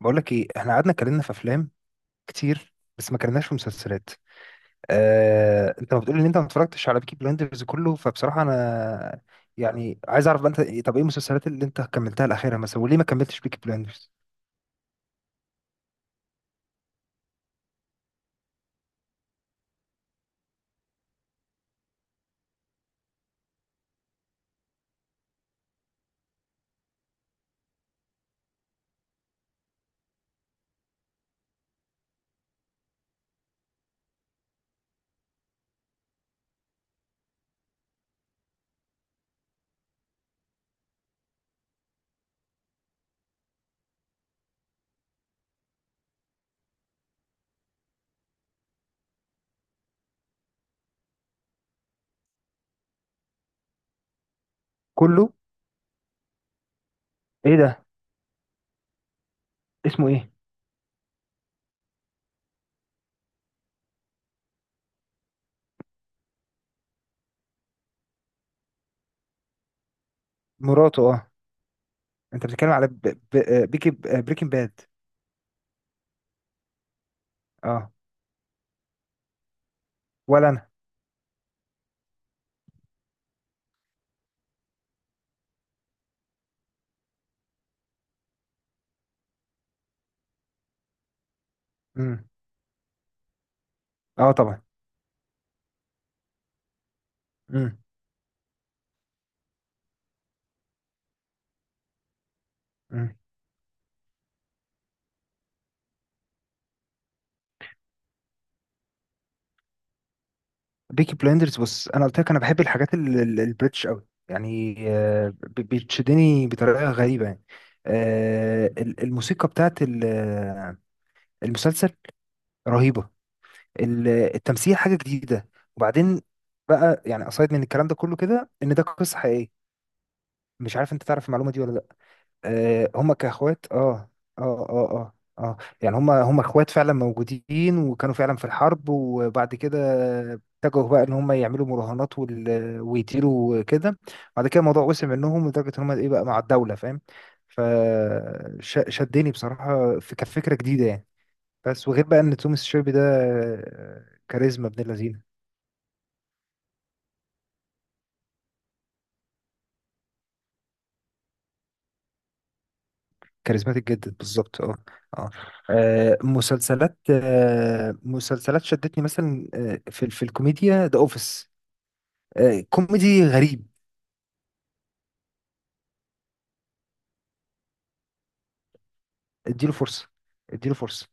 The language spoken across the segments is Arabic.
بقول لك ايه، احنا قعدنا اتكلمنا في افلام كتير بس ما اتكلمناش في مسلسلات. اه... انت ما بتقول ان انت ما اتفرجتش على بيكي بلايندرز كله؟ فبصراحه انا عايز اعرف بقى انت إيه، طب ايه المسلسلات اللي انت كملتها الاخيره مثلا، وليه ما كملتش بيكي بلايندرز كله؟ ايه ده؟ اسمه ايه؟ مراته، اه. انت بتتكلم على ب... ب... آه، بيكي بريكنج باد؟ اه. ولا انا. امم. اه طبعا. امم. بيكي بلايندرز، بص انا قلت لك انا بحب الحاجات البريتش قوي يعني. بتشدني بطريقه غريبه يعني. الموسيقى بتاعت المسلسل رهيبه. التمثيل حاجه جديده. وبعدين بقى، يعني اصide من الكلام ده كله، كده ان ده قصه حقيقيه. مش عارف انت تعرف المعلومه دي ولا لا. هما كاخوات، اه. اه يعني هما اخوات فعلا موجودين، وكانوا فعلا في الحرب، وبعد كده اتجهوا بقى ان هما يعملوا مراهنات ويطيروا وكده. بعد كده الموضوع وسع منهم لدرجة ان هما ايه بقى مع الدولة، فاهم؟ فشدني بصراحة، كانت فكرة جديدة يعني. بس وغير بقى ان توماس شيلبي ده، كاريزما ابن اللذين. كاريزماتيك جدا، بالظبط، اه. اه. مسلسلات شدتني مثلا، في الكوميديا ذا اوفيس. كوميدي غريب. اديله فرصه. اديله فرصه.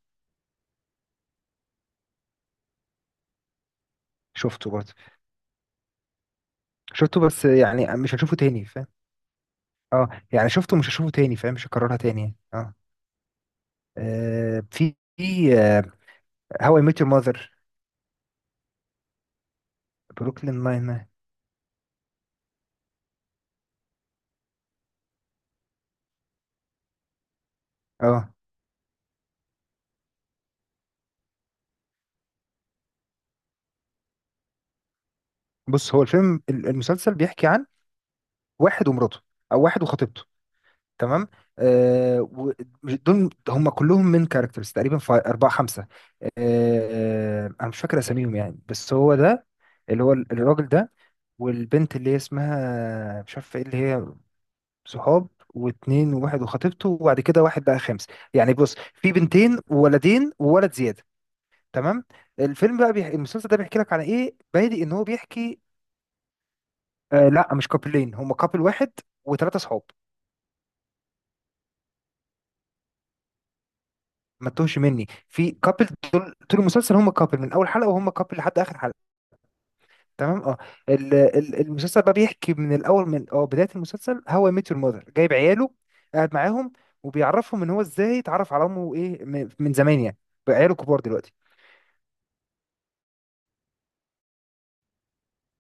شفته برضه. شفته بس يعني مش هشوفه تاني، فاهم؟ اه يعني شفته، مش هشوفه تاني، فاهم؟ مش هكررها تاني يعني. اه. آه، في هواي ميت يور ماذر، بروكلين ناين، اه. How I Met Your Mother، Brooklyn Nine-Nine. آه. بص، هو المسلسل بيحكي عن واحد ومراته، او واحد وخطيبته. تمام. آه و- دول هم كلهم من كاركترز تقريبا في 4 5. آه أنا مش فاكر أساميهم يعني، بس هو ده، اللي هو الراجل ده، والبنت اللي هي اسمها مش عارف ايه، اللي هي صحاب. واتنين، وواحد وخطيبته، وبعد كده واحد بقى خامس. يعني بص، في بنتين وولدين، وولد زيادة. تمام. المسلسل ده بيحكي لك على ايه، بادئ ان هو بيحكي. آه لا، مش كابلين، هم كابل واحد وثلاثة صحاب. ما تتوهش مني في كابل. طول طول المسلسل هم كابل من اول حلقه، وهم كابل لحد اخر حلقه. تمام اه. المسلسل بقى بيحكي من الاول، من بدايه المسلسل، هو ميت يور ماذر جايب عياله، قاعد معاهم، وبيعرفهم ان هو ازاي اتعرف على امه، ايه من زمان يعني. بقى عياله كبار دلوقتي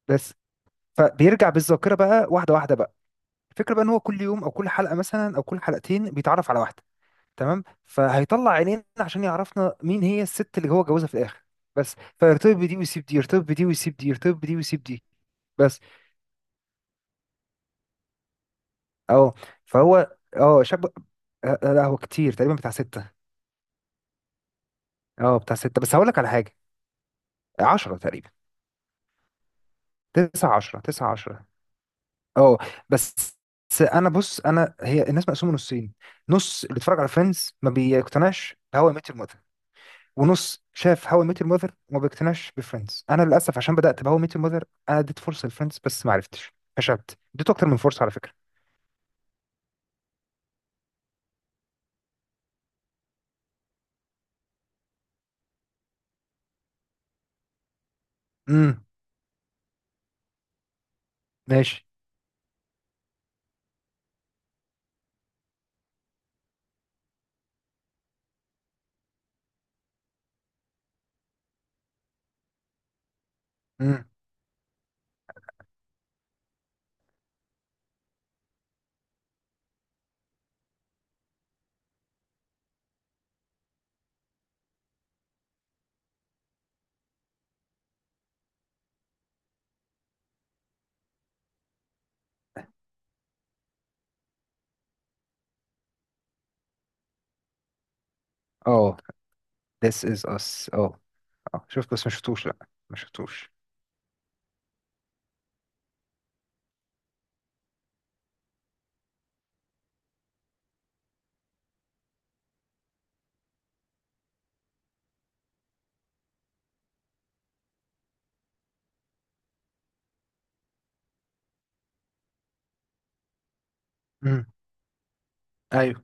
بس. فبيرجع بالذاكره بقى واحده واحده بقى. الفكره بقى ان هو كل يوم، او كل حلقه مثلا، او كل حلقتين بيتعرف على واحده. تمام. فهيطلع عينينا عشان يعرفنا مين هي الست اللي هو جوزها في الاخر بس. فيرتبط بدي ويسيب دي، يرتبط بدي ويسيب دي، يرتبط بدي ويسيب دي بس. اه فهو اه شاب. لا هو كتير، تقريبا بتاع 6. اه بتاع 6. بس هقول لك على حاجة، 10 تقريبا. 9 10 اه بس. بس انا، بص انا، هي الناس مقسومه نصين. نص اللي اتفرج على فريندز ما بيقتنعش هو ميت الموت، ونص شاف هاو اي ميت يور ماذر وما بيقتنعش بفريندز. انا للاسف عشان بدات بهاو اي ميت يور ماذر، انا اديت فرصه لفريندز بس ما عرفتش، فشلت، اديته اكتر من فرصه على فكره. امم. ماشي. امم. اه this is us، اه. اه شفت، بس ما شفتوش، لا. ما شفتوش. امم. ايوه.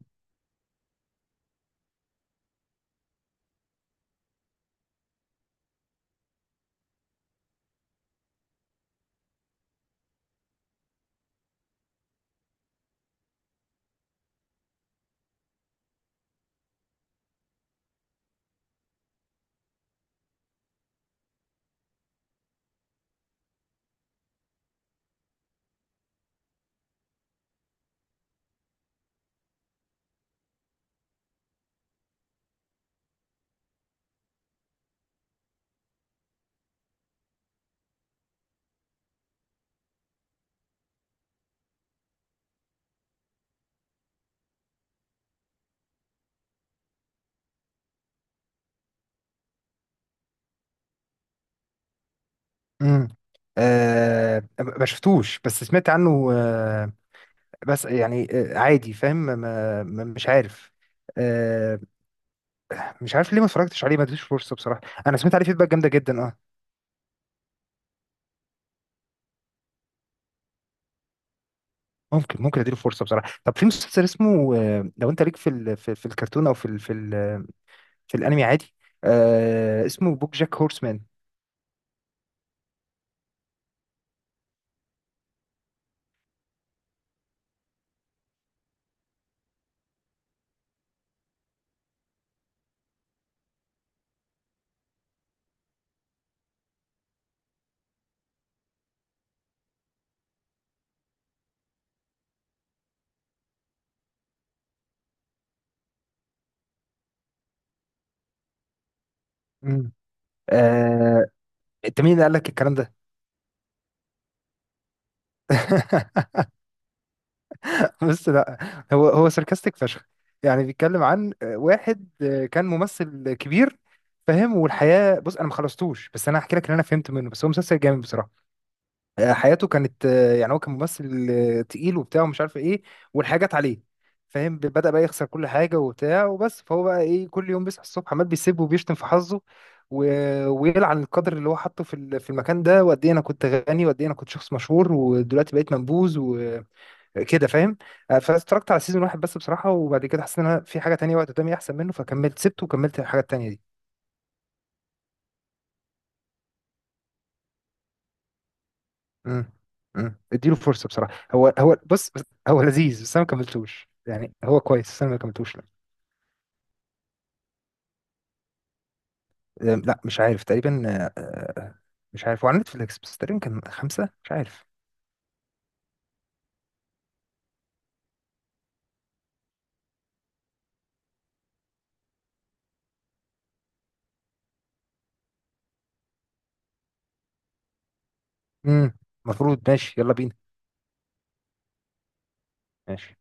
امم. آه ما شفتوش بس سمعت عنه، آه. بس يعني آه عادي، فاهم؟ مش عارف. آه. مش عارف ليه ما اتفرجتش عليه، ما اديتوش فرصه بصراحه. انا سمعت عليه فيدباك جامده جدا، آه. ممكن، ممكن اديله فرصه بصراحه. طب في مسلسل اسمه، لو انت ليك في الكرتون، او في ال في ال في الانمي عادي، اسمه بوك جاك هورسمان. مم. آه. انت مين اللي قال لك الكلام ده؟ بس لا، هو هو ساركاستيك فشخ. يعني بيتكلم عن واحد، كان ممثل كبير، فاهم؟ والحياه، بص انا ما خلصتوش بس انا هحكي لك اللي انا فهمت منه، بس هو مسلسل جامد بصراحه. حياته كانت، يعني هو كان ممثل تقيل وبتاع ومش عارف ايه، والحاجات جت عليه، فاهم؟ بدأ بقى يخسر كل حاجة وبتاع وبس. فهو بقى ايه، كل يوم بيصحى الصبح عمال بيسيب وبيشتم في حظه، و... ويلعن القدر اللي هو حاطه في في المكان ده. وقد ايه انا كنت غني، وقد ايه انا كنت شخص مشهور، ودلوقتي بقيت منبوذ وكده، فاهم؟ فاتفرجت على سيزون واحد بس بصراحة، وبعد كده حسيت ان انا في حاجة تانية وقت قدامي احسن منه، فكملت سبته وكملت الحاجة التانية دي. امم. اديله فرصه بصراحه، هو هو بص، هو لذيذ بس انا ما كملتوش، يعني هو كويس بس انا ما كملتوش، لا. أم، لا، مش عارف، تقريبا. مش عارف، هو على نتفليكس بس تقريبا كان 5، مش عارف. امم. المفروض، ماشي، يلا بينا. ماشي.